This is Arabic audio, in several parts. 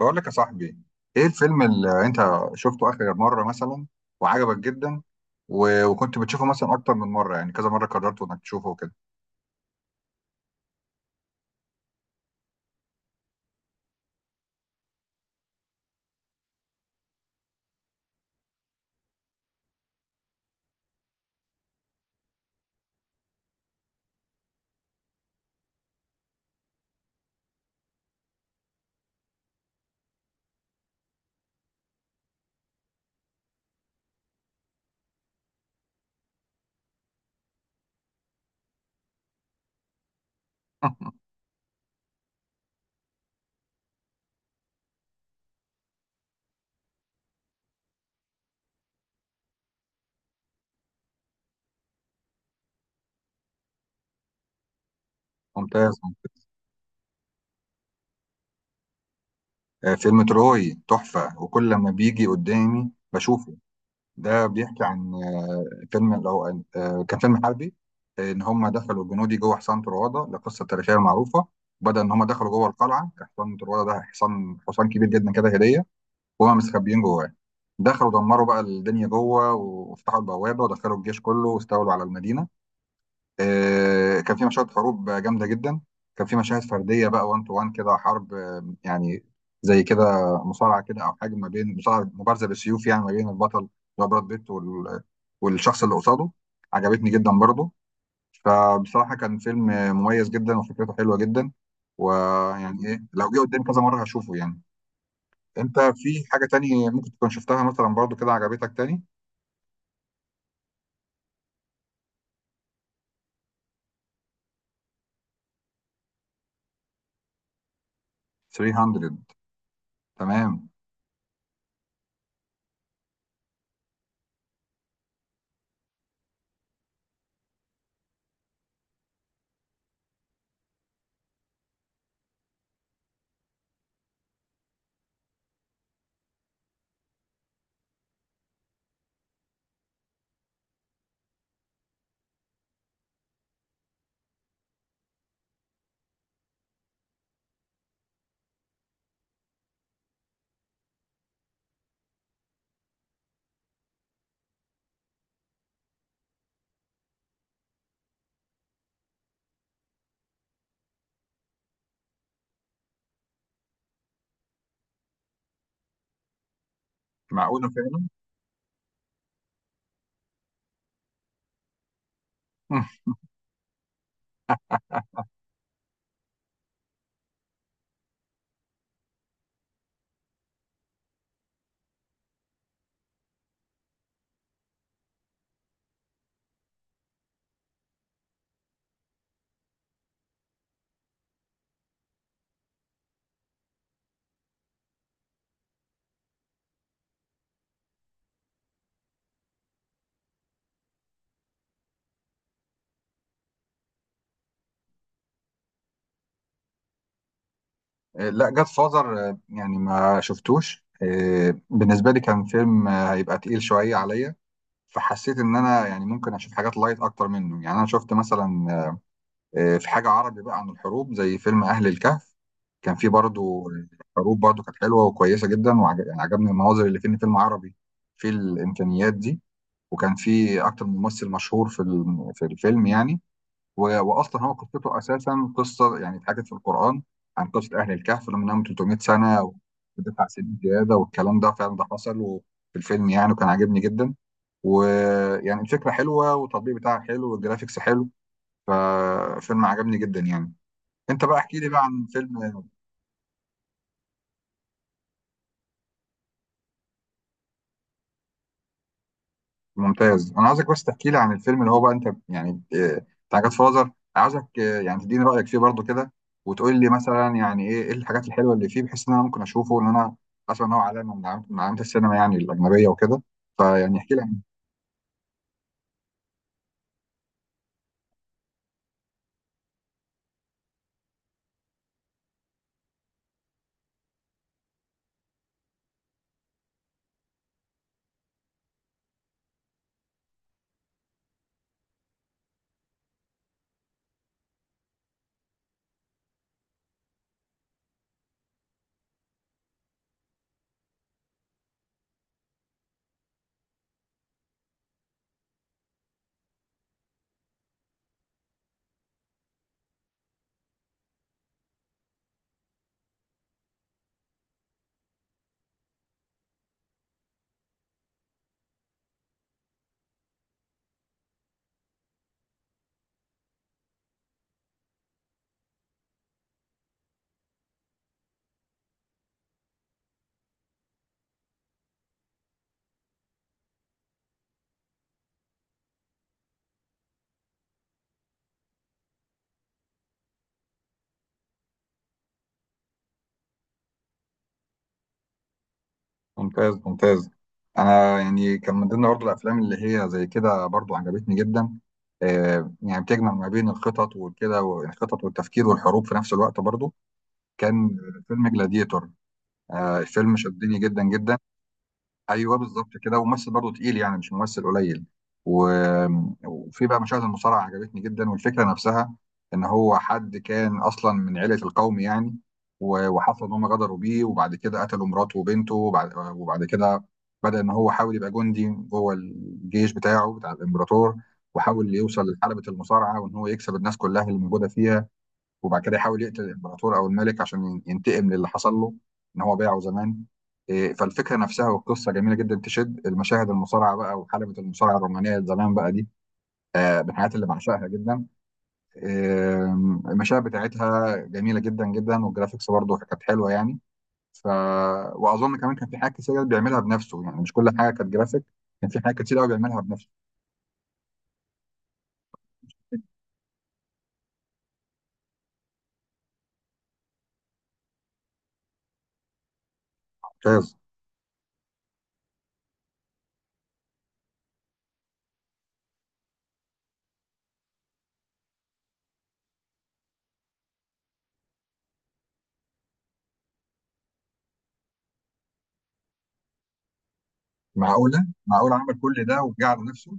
بقول لك يا صاحبي، ايه الفيلم اللي انت شفته اخر مرة مثلا وعجبك جدا، وكنت بتشوفه مثلا اكتر من مرة، يعني كذا مرة قررت انك تشوفه كده. ممتاز. فيلم تروي تحفة، وكل لما بيجي قدامي بشوفه. ده بيحكي عن آه، فيلم لو آه، كان فيلم حربي، ان هم دخلوا الجنودي جوه حصان طروادة، القصة التاريخية المعروفة. بدأ ان هم دخلوا جوه القلعة، كان حصان طروادة ده حصان كبير جدا كده هدية. وهم مستخبيين جواه، دخلوا دمروا بقى الدنيا جوه، وفتحوا البوابه، ودخلوا الجيش كله، واستولوا على المدينه. كان في مشاهد حروب جامده جدا. كان في مشاهد فرديه بقى، وان تو وان كده حرب، يعني زي كده، مصارعه كده او حاجه ما بين مصارعه، مبارزه بالسيوف، يعني ما بين البطل اللي هو براد بيت والشخص اللي قصاده. عجبتني جدا برضه. فبصراحه كان فيلم مميز جدا وفكرته حلوه جدا، ويعني ايه، لو جه قدامي كذا مره هشوفه يعني. انت في حاجة تانية ممكن تكون شفتها مثلا برضو كده عجبتك تاني؟ 300. تمام. معقولة فعلا. لا، جاد فازر يعني ما شفتوش. بالنسبة لي كان فيلم هيبقى تقيل شوية عليا، فحسيت ان انا يعني ممكن اشوف حاجات لايت اكتر منه. يعني انا شفت مثلا في حاجة عربي بقى عن الحروب، زي فيلم اهل الكهف. كان فيه برضو حروب برضو، كانت حلوة وكويسة جدا، وعجبني المناظر اللي في، إن فيلم عربي في الامكانيات دي. وكان في اكتر من ممثل مشهور في في الفيلم يعني. واصلا هو قصته اساسا قصه يعني اتحكت في القران، عن قصه اهل الكهف اللي منهم 300 سنه ودفع سنين زياده، والكلام ده فعلا ده حصل وفي الفيلم يعني، وكان عاجبني جدا. ويعني الفكره حلوه والتطبيق بتاعها حلو والجرافيكس حلو، ففيلم عجبني جدا يعني. انت بقى احكي لي بقى عن فيلم. ممتاز انا عايزك بس تحكي لي عن الفيلم اللي هو بقى انت يعني آه، بتاع جاد فازر عايزك آه، يعني تديني رايك فيه برضو كده وتقول لي مثلا يعني ايه إيه الحاجات الحلوه اللي فيه بحيث ان انا ممكن اشوفه ان انا اسمع ان هو علامه من علامات من علامات السينما يعني الاجنبيه وكده فيعني احكي لي عنه. ممتاز ممتاز. انا يعني كان من ضمن برضو الافلام اللي هي زي كده برضو عجبتني جدا، يعني بتجمع ما بين الخطط وكده، والخطط والتفكير والحروب في نفس الوقت برضو، كان فيلم جلاديتور. الفيلم شدني جدا جدا. ايوه بالظبط كده، وممثل برضه تقيل يعني، مش ممثل قليل. و- وفي بقى مشاهد المصارعه عجبتني جدا، والفكره نفسها ان هو حد كان اصلا من عيله القوم يعني. وحصل ان هم غدروا بيه، وبعد كده قتلوا مراته وبنته، وبعد كده بدا ان هو حاول يبقى جندي جوه الجيش بتاعه بتاع الامبراطور، وحاول يوصل لحلبة المصارعة، وان هو يكسب الناس كلها اللي موجودة فيها، وبعد كده يحاول يقتل الامبراطور او الملك عشان ينتقم للي حصل له ان هو باعه زمان. إيه، فالفكره نفسها والقصه جميله جدا، تشد المشاهد. المصارعه بقى وحلبه المصارعه الرومانيه زمان بقى دي من الحاجات اللي بعشقها جدا. آه، المشاهد بتاعتها جميله جدا جدا، والجرافيكس برضه كانت حلوه يعني. ف واظن كمان كان في حاجات كتير بيعملها بنفسه، يعني مش كل حاجه كانت جرافيك، كان في حاجات كتير قوي بيعملها بنفسه. ممتاز. معقوله معقوله، عمل كل ده وجعل نفسه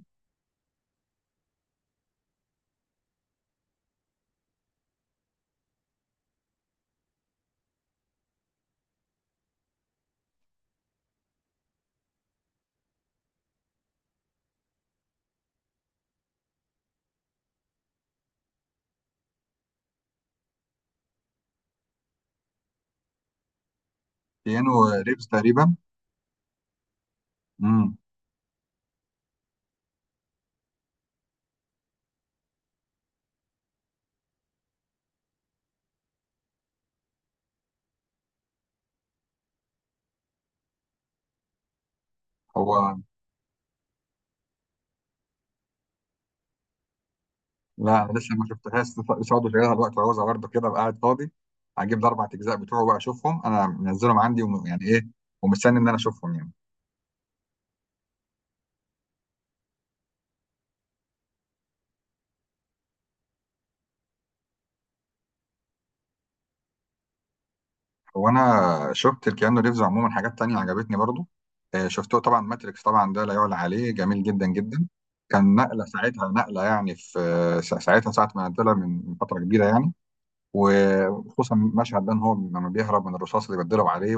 كأنه ريبس تقريبا. امم. هو، لا لسه ما شفتهاش لسه برضه، شغالها دلوقتي وعاوزها برضه كده أبقى قاعد فاضي هجيب الاربع اجزاء بتوعه بقى اشوفهم، انا منزلهم عندي، يعني ايه، ومستني ان انا اشوفهم يعني. هو انا شفت الكيانو ريفز عموما حاجات تانية عجبتني برضه. شفته طبعا ماتريكس، طبعا ده لا يعلى عليه جميل جدا جدا. كان نقله ساعتها نقله، يعني في ساعتها، ساعه ما نزلها، من فتره كبيره يعني. وخصوصا مشهد ده، ان هو لما بيهرب من الرصاص اللي بيتضرب عليه،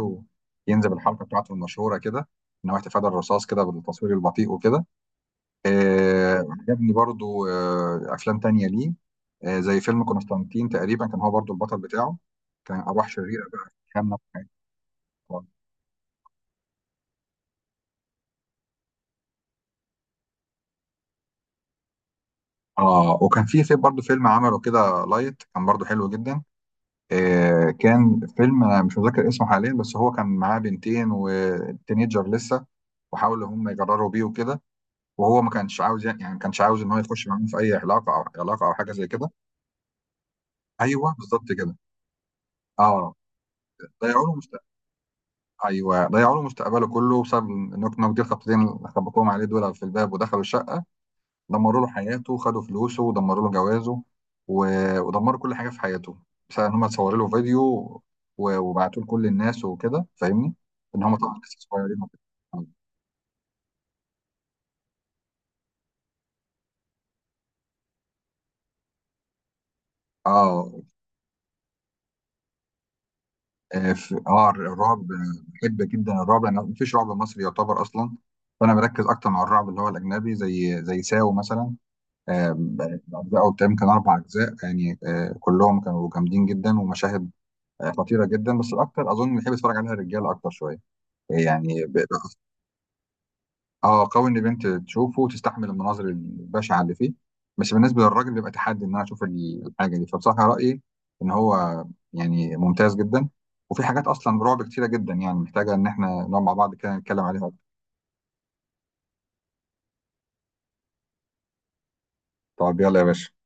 وينزل الحركه بتاعته المشهوره كده، ان هو احتفال الرصاص كده بالتصوير البطيء وكده. عجبني برضو افلام تانية ليه، زي فيلم قسطنطين تقريبا، كان هو برضو البطل بتاعه، كان ارواح شريره بقى خامه في حياته. اه. وكان في برضو فيلم عمله كده لايت، كان برضو حلو جدا. كان فيلم انا مش متذكر اسمه حاليا، بس هو كان معاه بنتين وتينيجر لسه، وحاولوا هم يجرروا بيه وكده، وهو ما كانش عاوز يعني، ما كانش عاوز ان هو يخش معاهم في اي علاقه، او او حاجه زي كده. ايوه بالظبط كده. اه. ضيعوا له. ايوه ضيعوا له مستقبله كله بسبب النوك نوك دي، الخبطتين اللي خبطوهم عليه دول في الباب، ودخلوا الشقه، دمروا له حياته، خدوا فلوسه، ودمروا له جوازه، ودمروا كل حاجه في حياته، بسبب ان هم اتصوروا له فيديو وبعتوه لكل الناس وكده، فاهمني، ان هم طبعا لسه صغيرين وكده. اه. اه الرعب. بحب جدا الرعب، لان مفيش رعب مصري يعتبر اصلا، فانا بركز اكتر مع الرعب اللي هو الاجنبي، زي ساو مثلا. آم، أجزاء قدام كان أربع أجزاء يعني، كلهم كانوا جامدين جدا، ومشاهد خطيرة جدا، بس الأكتر أظن بيحب يتفرج عليها الرجالة أكتر شوية يعني آه قوي، إن بنت تشوفه وتستحمل المناظر البشعة اللي فيه، بس بالنسبة للراجل بيبقى تحدي إن أنا أشوف الحاجة دي. فبصراحة رأيي إن هو يعني ممتاز جدا، وفي حاجات أصلا رعب كتيرة جدا، يعني محتاجة إن إحنا نقعد مع بعض كده نتكلم عليها أكتر. طب يلا يا باشا.